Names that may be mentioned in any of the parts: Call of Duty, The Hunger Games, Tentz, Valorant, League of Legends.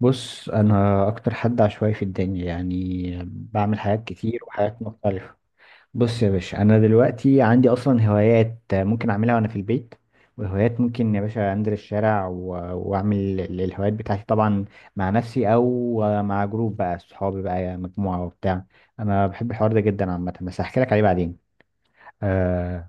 بص، انا اكتر حد عشوائي في الدنيا يعني بعمل حاجات كتير وحاجات مختلفة. بص يا باشا، انا دلوقتي عندي اصلا هوايات ممكن اعملها وانا في البيت. وهوايات ممكن يا باشا انزل الشارع واعمل الهوايات بتاعتي طبعا، مع نفسي او مع جروب، بقى صحابي، بقى مجموعة وبتاع. انا بحب الحوار ده جدا عامة، بس هحكي لك عليه بعدين. آه.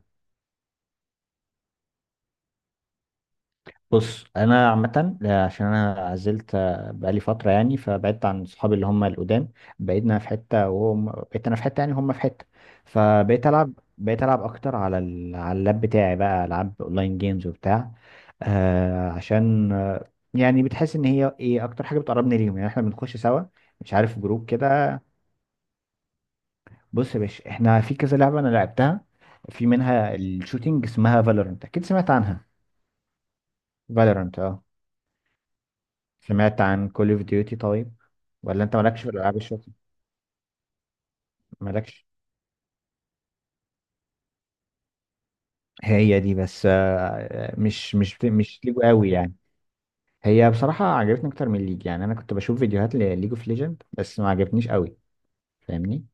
بص انا عامه، عشان انا عزلت، بقالي فتره يعني، فبعدت عن صحابي اللي هم القدام. بقينا في حته وهم، بقيت انا في حته يعني هم في حته، فبقيت العب. بقيت العب اكتر على اللاب بتاعي، بقى العاب اونلاين جيمز وبتاع. عشان يعني بتحس ان هي ايه اكتر حاجه بتقربني ليهم، يعني احنا بنخش سوا، مش عارف، جروب كده. بص يا باشا، احنا في كذا لعبه انا لعبتها. في منها الشوتينج اسمها فالورنت، اكيد سمعت عنها. فالورنت. سمعت عن كول اوف ديوتي طيب؟ ولا انت مالكش في الالعاب الشوتي؟ مالكش. هي دي، بس مش ليجو قوي يعني. هي بصراحة عجبتني اكتر من ليج، يعني انا كنت بشوف فيديوهات لليج اوف ليجند بس ما عجبتنيش قوي. فاهمني.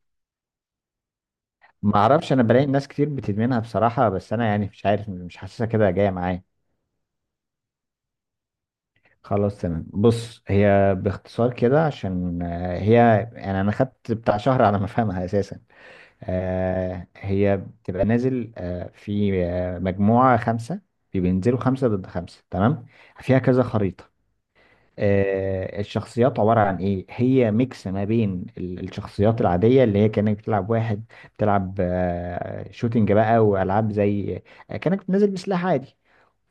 ما اعرفش، انا بلاقي ناس كتير بتدمنها بصراحة، بس انا يعني مش عارف، مش حاسسها كده جاية معايا. خلاص تمام. بص هي باختصار كده عشان هي، يعني انا خدت بتاع شهر على ما افهمها اساسا. هي بتبقى نازل في مجموعة خمسة، في بينزلوا خمسة ضد خمسة، تمام. فيها كذا خريطة. الشخصيات عبارة عن ايه، هي ميكس ما بين الشخصيات العادية اللي هي كأنك بتلعب واحد، بتلعب شوتينج بقى وألعاب زي، كأنك نازل بسلاح عادي.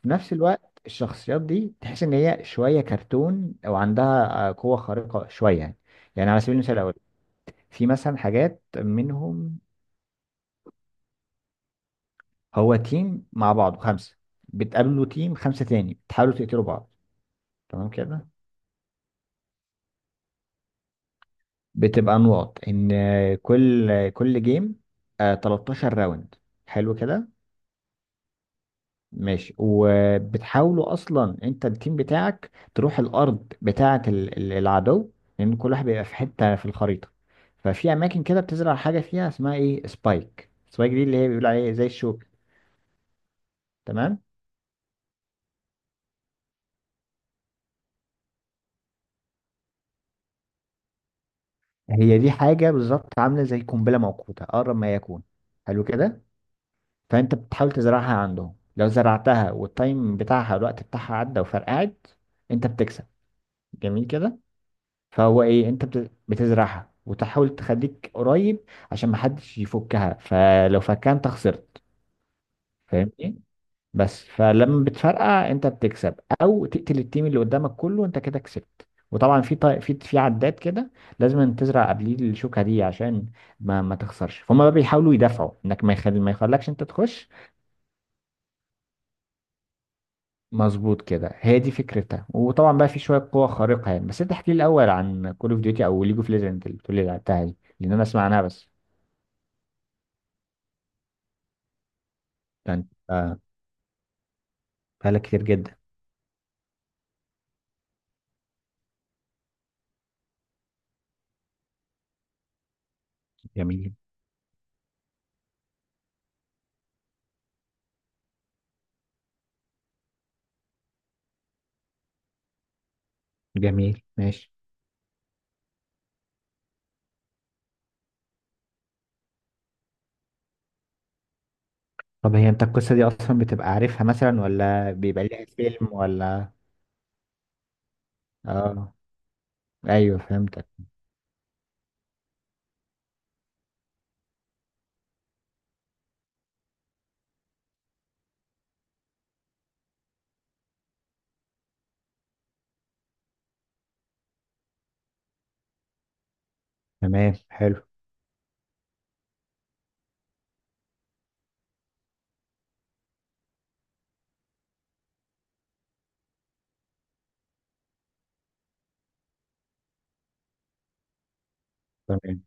في نفس الوقت الشخصيات دي تحس ان هي شوية كرتون، وعندها قوة خارقة شوية يعني. يعني على سبيل المثال الأول، في مثلا حاجات منهم. هو تيم مع بعض خمسة، بتقابلوا تيم خمسة تاني، بتحاولوا تقتلوا بعض. تمام كده. بتبقى نقط ان كل جيم، 13 راوند. حلو كده. ماشي، وبتحاولوا اصلا انت التيم بتاعك تروح الارض بتاعة العدو، لان كل واحد بيبقى في حتة في الخريطة. ففي اماكن كده بتزرع حاجة فيها اسمها ايه، سبايك. سبايك دي اللي هي بيقول عليها إيه؟ زي الشوك. تمام. هي دي حاجة بالظبط عاملة زي قنبلة موقوتة أقرب ما يكون. حلو كده. فانت بتحاول تزرعها عندهم، لو زرعتها والتايم بتاعها، الوقت بتاعها عدى وفرقعت، انت بتكسب. جميل كده. فهو ايه، انت بتزرعها وتحاول تخليك قريب، عشان محدش يفكها، فلو فكها انت خسرت. فاهمني. بس فلما بتفرقع انت بتكسب، او تقتل التيم اللي قدامك كله، انت كده كسبت. وطبعا في عداد كده، لازم تزرع قبليه الشوكه دي عشان ما تخسرش. فهم بقى بيحاولوا يدافعوا انك ما يخلكش انت تخش. مظبوط كده. هي دي فكرتها وطبعا بقى في شويه قوه خارقه يعني. بس انت احكي لي الاول عن كول اوف ديوتي او ليج اوف ليجند اللي بتقول لي لعبتها دي، لان انا اسمع عنها بس. ده انت بقالك كتير جدا. جميل. جميل ماشي. طب هي انت القصة دي اصلا بتبقى عارفها مثلا، ولا بيبقى ليها فيلم ولا؟ اه، ايوه فهمتك. تمام، حلو. تمام.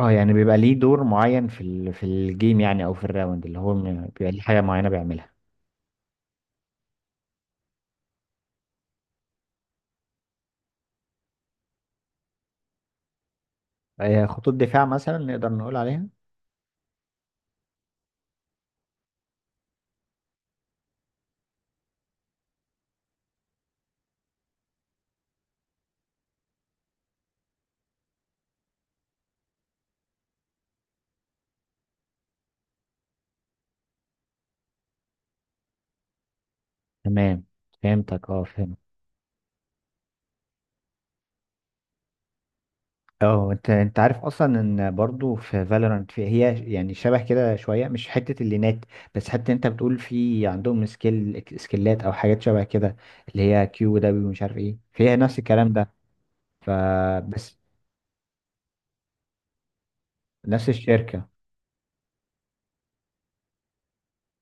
اه يعني بيبقى ليه دور معين في الجيم يعني، او في الراوند اللي هو بيبقى ليه حاجه معينه بيعملها. خطوط دفاع مثلا نقدر نقول عليها؟ تمام. فهمتك. اه فهمت. اه، انت عارف اصلا ان برضو في فالورانت في، هي يعني شبه كده شويه، مش حته اللينات. بس حتى انت بتقول في عندهم سكيلات او حاجات شبه كده، اللي هي كيو دبليو مش عارف ايه، فيها نفس الكلام ده. فبس. نفس الشركه.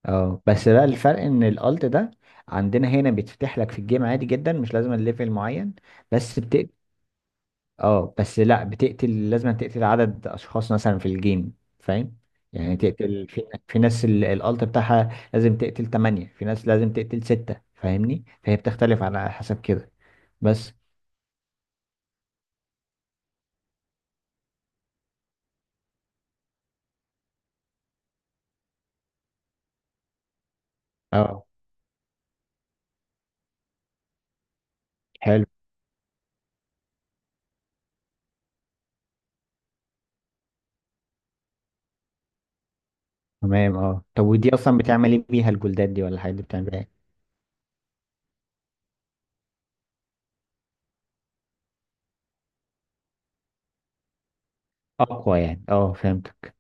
اه بس بقى الفرق ان الالت ده عندنا هنا بيتفتح لك في الجيم عادي جدا، مش لازم الليفل معين. بس. اه، بس لا بتقتل، لازم تقتل عدد اشخاص مثلا في الجيم، فاهم؟ يعني تقتل في ناس الالت بتاعها لازم تقتل تمانية، في ناس لازم تقتل ستة، فاهمني، فهي بتختلف على حسب كده. بس. اه حلو. تمام. اه طب ودي اصلا بتعمل ايه بيها، الجلدات دي ولا الحاجات دي بتعمل بيها ايه؟ اقوى يعني، اه فهمتك.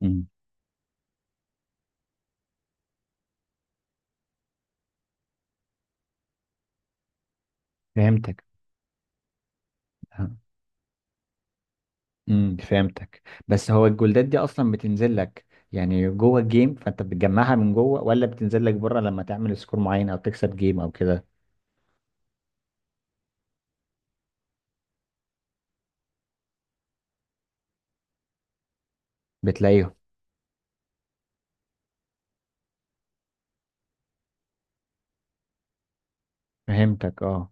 مم. فهمتك. آه. فهمتك. بس هو الجولدات دي اصلا بتنزل لك، يعني جوه الجيم فانت بتجمعها من جوه، ولا بتنزل لك بره لما تعمل سكور معين او تكسب جيم او كده؟ بتلاقيهم. فهمتك اه.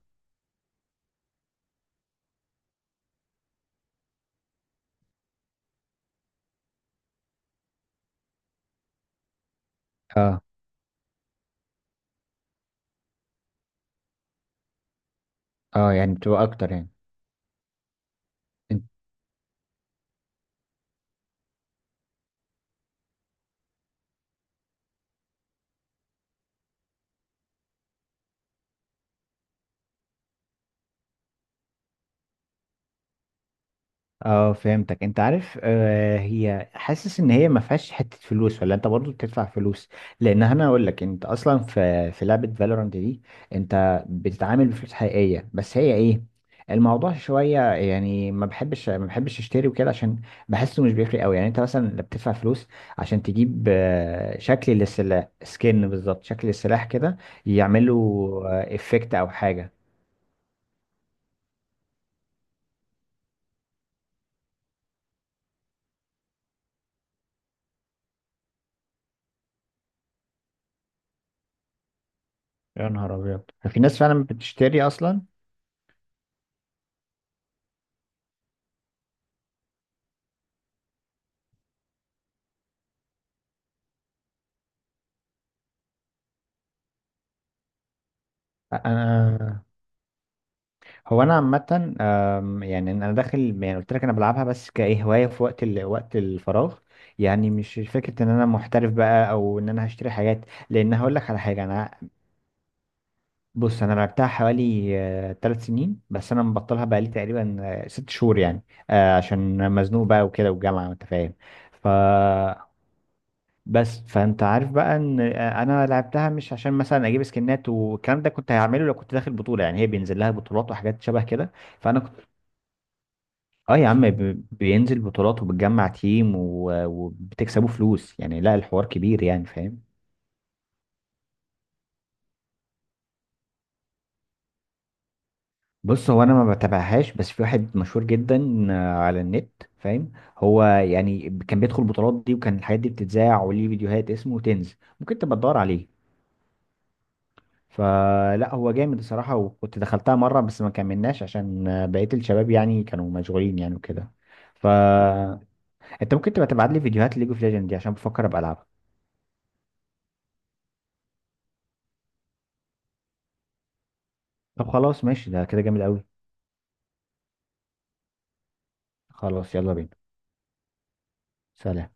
اه. اه يعني بتبقى اكتر يعني. اه فهمتك. انت عارف هي، حاسس ان هي ما فيهاش حته فلوس ولا انت برضو بتدفع فلوس؟ لان انا اقول لك، انت اصلا في لعبه فالورانت دي، انت بتتعامل بفلوس حقيقيه، بس هي ايه، الموضوع شويه يعني، ما بحبش اشتري وكده، عشان بحسه مش بيفرق قوي يعني. انت مثلا لما بتدفع فلوس عشان تجيب شكل للسلاح، سكن بالظبط، شكل السلاح كده، يعملوا افكت او حاجه. يا نهار ابيض. في ناس فعلا بتشتري اصلا. انا هو انا عامه، يعني انا داخل يعني قلت لك انا بلعبها بس كايه هوايه في وقت الفراغ، يعني مش فكره ان انا محترف بقى او ان انا هشتري حاجات. لان هقول لك على حاجه، انا. بص انا لعبتها حوالي 3 سنين، بس انا مبطلها بقى لي تقريبا 6 شهور يعني، عشان مزنوق بقى وكده والجامعه وانت فاهم. ف بس فانت عارف بقى ان انا لعبتها مش عشان مثلا اجيب سكنات والكلام ده، كنت هعمله لو كنت داخل بطوله، يعني هي بينزل لها بطولات وحاجات شبه كده. فانا، اه يا عم بينزل بطولات وبتجمع تيم وبتكسبوا فلوس يعني، لا الحوار كبير يعني، فاهم؟ بص هو انا ما بتابعهاش، بس في واحد مشهور جدا على النت، فاهم؟ هو يعني كان بيدخل البطولات دي وكان الحاجات دي بتتذاع، وليه فيديوهات، اسمه تنز، ممكن تبقى تدور عليه. فلا، هو جامد الصراحة، وكنت دخلتها مرة بس ما كملناش عشان بقية الشباب يعني كانوا مشغولين يعني وكده. فانت ممكن تبقى تبعت لي فيديوهات ليج اوف ليجند دي، عشان بفكر ابقى العبها. طب خلاص ماشي، ده كده جامد قوي. خلاص يلا بينا. سلام.